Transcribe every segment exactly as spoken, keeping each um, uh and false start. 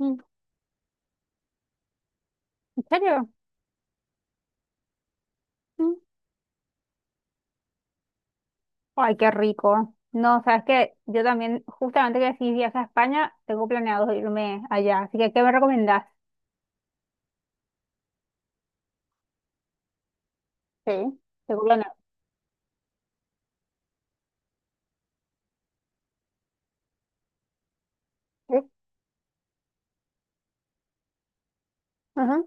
Mm, ¿en serio? Mm. Ay, qué rico. No, sabes que yo también, justamente que decís viaje a España, tengo planeado irme allá. Así que, ¿qué me recomendás? Sí, tengo planeado. Sí. Ajá.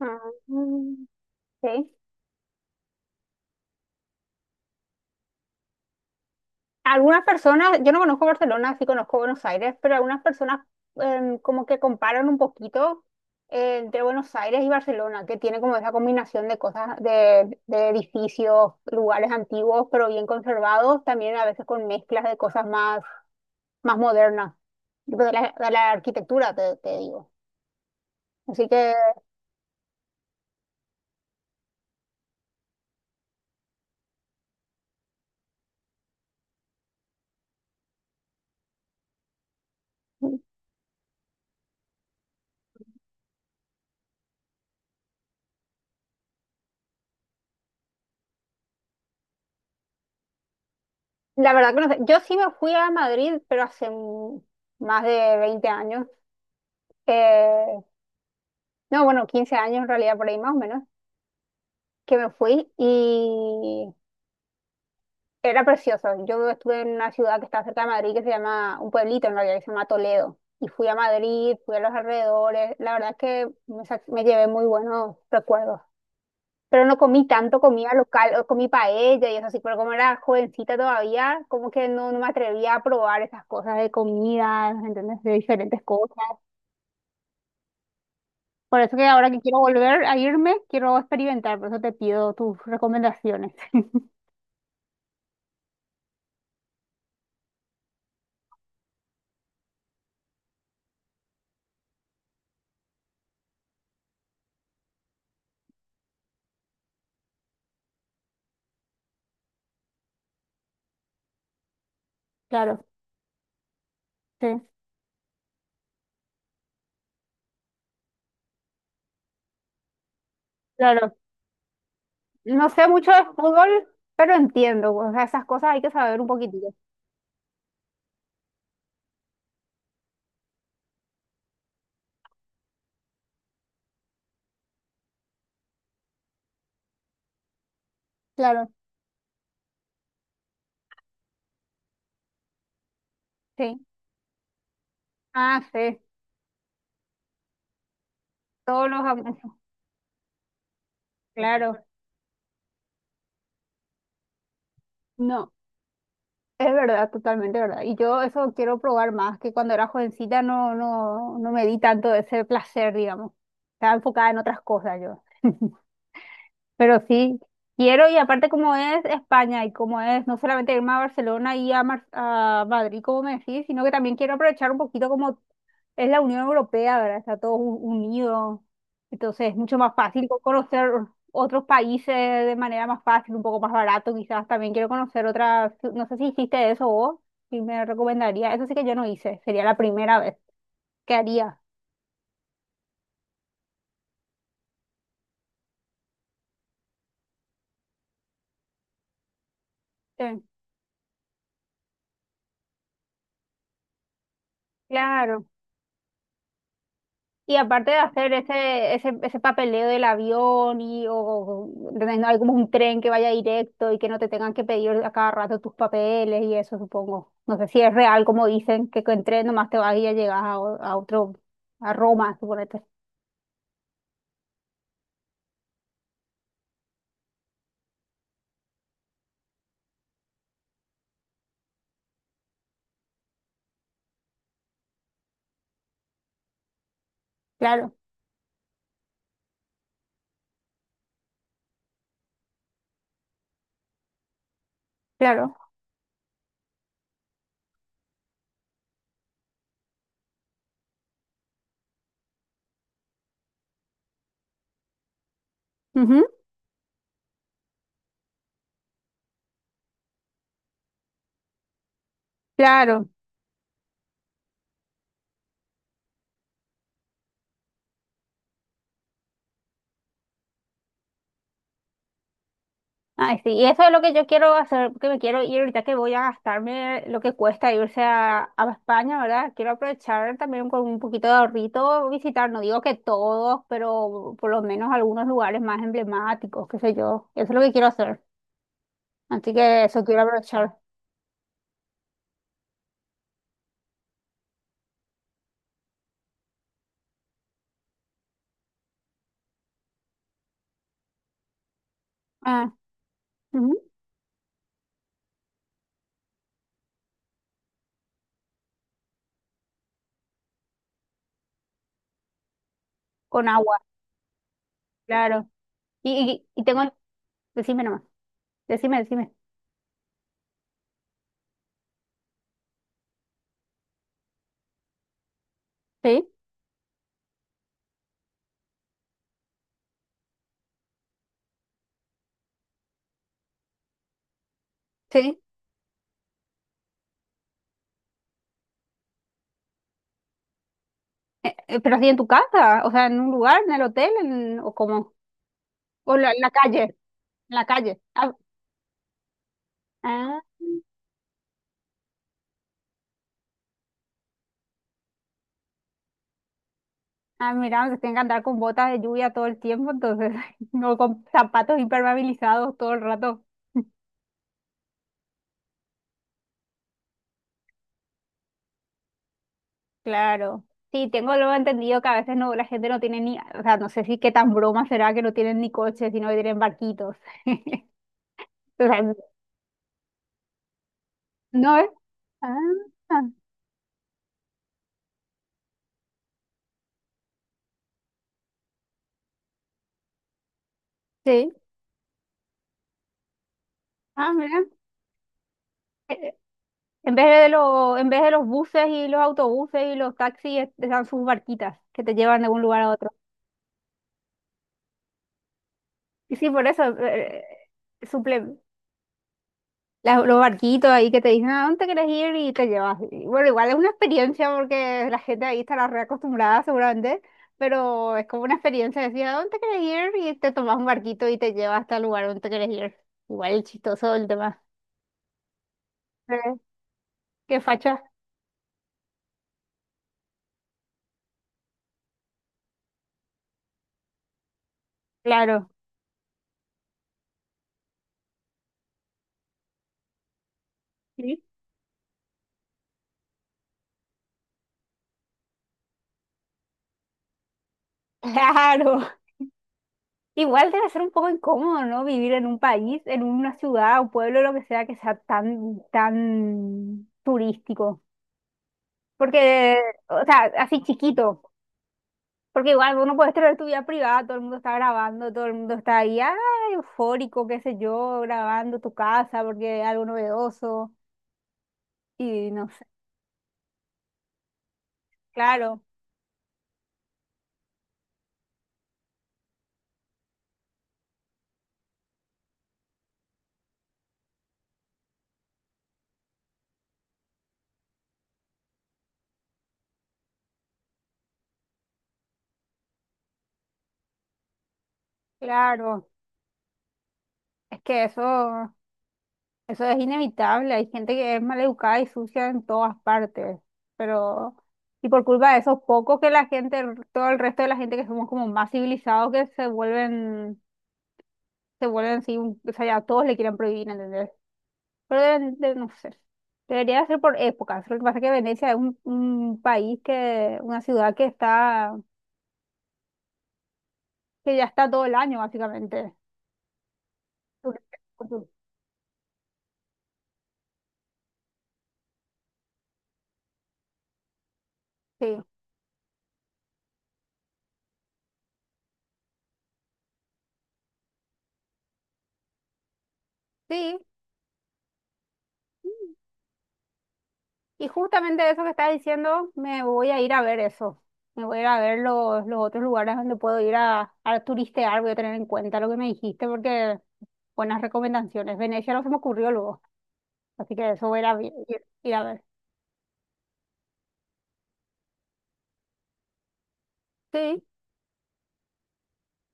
Ah, mm, sí. Algunas personas, yo no conozco Barcelona, sí conozco Buenos Aires, pero algunas personas em, como que comparan un poquito eh, entre Buenos Aires y Barcelona, que tiene como esa combinación de cosas, de, de edificios, lugares antiguos, pero bien conservados, también a veces con mezclas de cosas más más moderna, tipo de la, de la arquitectura, te, te digo. Así que la verdad que no sé. Yo sí me fui a Madrid, pero hace un- más de veinte años. Eh, no, bueno, quince años en realidad, por ahí más o menos, que me fui y era precioso. Yo estuve en una ciudad que está cerca de Madrid que se llama, un pueblito en realidad que se llama Toledo. Y fui a Madrid, fui a los alrededores. La verdad es que me, sa- me llevé muy buenos recuerdos. Pero no comí tanto comida local, o comí paella y eso así, pero como era jovencita todavía, como que no, no me atrevía a probar esas cosas de comida, ¿entendés? De diferentes cosas. Por eso que ahora que quiero volver a irme, quiero experimentar, por eso te pido tus recomendaciones. Claro, sí, claro. No sé mucho de fútbol, pero entiendo, o sea, esas cosas hay que saber un poquitito. Claro, sí. Ah, sí, todos los... am- Claro, no. Es verdad, totalmente verdad. Y yo eso quiero probar más, que cuando era jovencita no, no, no me di tanto ese placer, digamos. Estaba enfocada en otras cosas yo. Pero sí, quiero y aparte como es España y como es no solamente irme a Barcelona y a, Mar- a Madrid, como me decís, sino que también quiero aprovechar un poquito como es la Unión Europea, ¿verdad? Está todo u- unido. Entonces es mucho más fácil co- conocer otros países de manera más fácil, un poco más barato quizás. También quiero conocer otras, no sé si hiciste eso vos, si me recomendaría. Eso sí que yo no hice, sería la primera vez que haría. Sí, claro. Y aparte de hacer ese, ese, ese papeleo del avión y o, o- ¿entendés? No hay como un tren que vaya directo y que no te tengan que pedir a cada rato tus papeles y eso, supongo. No sé si es real como dicen que con tren nomás te vas y ya llegas a, o- a otro, a Roma, suponete. Claro, claro. Ujú, claro. Ay, sí, y eso es lo que yo quiero hacer, que me quiero ir ahorita que voy a gastarme lo que cuesta irse a, a España, ¿verdad? Quiero aprovechar también con un poquito de ahorrito visitar, no digo que todos, pero por lo menos algunos lugares más emblemáticos, qué sé yo. Eso es lo que quiero hacer. Así que eso quiero aprovechar. Ah, ujú, con agua, claro. Y, y, y tengo, decime nomás, decime, decime. Sí, sí. Eh, eh, pero así en tu casa, o sea, en un lugar, en el hotel, en- o como, o la, en la calle, en la calle. Ah, ah, mira, se tienen que andar con botas de lluvia todo el tiempo, entonces, no, con zapatos impermeabilizados todo el rato. Claro. Sí, tengo luego entendido que a veces no, la gente no tiene ni, o sea, no sé si qué tan broma será que no tienen ni coches, sino que tienen barquitos. O sea, no es. Ah, sí. Ah, mira. Eh, eh, En vez de los, en vez de los buses y los autobuses y los taxis, es- están sus barquitas que te llevan de un lugar a otro. Y sí, por eso, eh, eh, suple- las- los barquitos ahí que te dicen a dónde quieres ir y te llevas. Y bueno, igual es una experiencia porque la gente ahí estará reacostumbrada seguramente, pero es como una experiencia de decir a dónde quieres ir y te tomas un barquito y te lleva hasta el lugar donde quieres ir. Igual es chistoso el tema. Eh, ¿Qué facha? Claro. Sí. Claro. Igual debe ser un poco incómodo, ¿no? Vivir en un país, en una ciudad, un pueblo, lo que sea, que sea tan, tan turístico. Porque, o sea, así chiquito. Porque igual uno puede tener tu vida privada, todo el mundo está grabando, todo el mundo está ahí, ah, eufórico, qué sé yo, grabando tu casa porque es algo novedoso y no sé. Claro, claro. Es que eso, eso es inevitable. Hay gente que es maleducada y sucia en todas partes. Pero, y por culpa de eso, poco que la gente, todo el resto de la gente que somos como más civilizados que se vuelven, se vuelven así, un- o sea, ya todos le quieren prohibir, ¿entendés? Pero deben de- no sé. Debería ser por épocas. Lo que pasa es que Venecia es un, un país que, una ciudad que está, que ya está todo el año, básicamente. Sí, sí. Y justamente eso que estás diciendo, me voy a ir a ver eso. Me voy a ir a ver los, los otros lugares donde puedo ir a, a turistear. Voy a tener en cuenta lo que me dijiste porque buenas recomendaciones. Venecia no se me ocurrió luego. Así que eso voy a ir a, vi- ir a ver. Sí.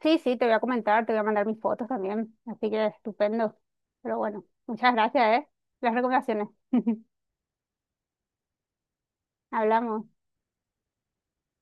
Sí, sí, te voy a comentar, te voy a mandar mis fotos también, así que estupendo. Pero bueno, muchas gracias, ¿eh? Las recomendaciones. Hablamos.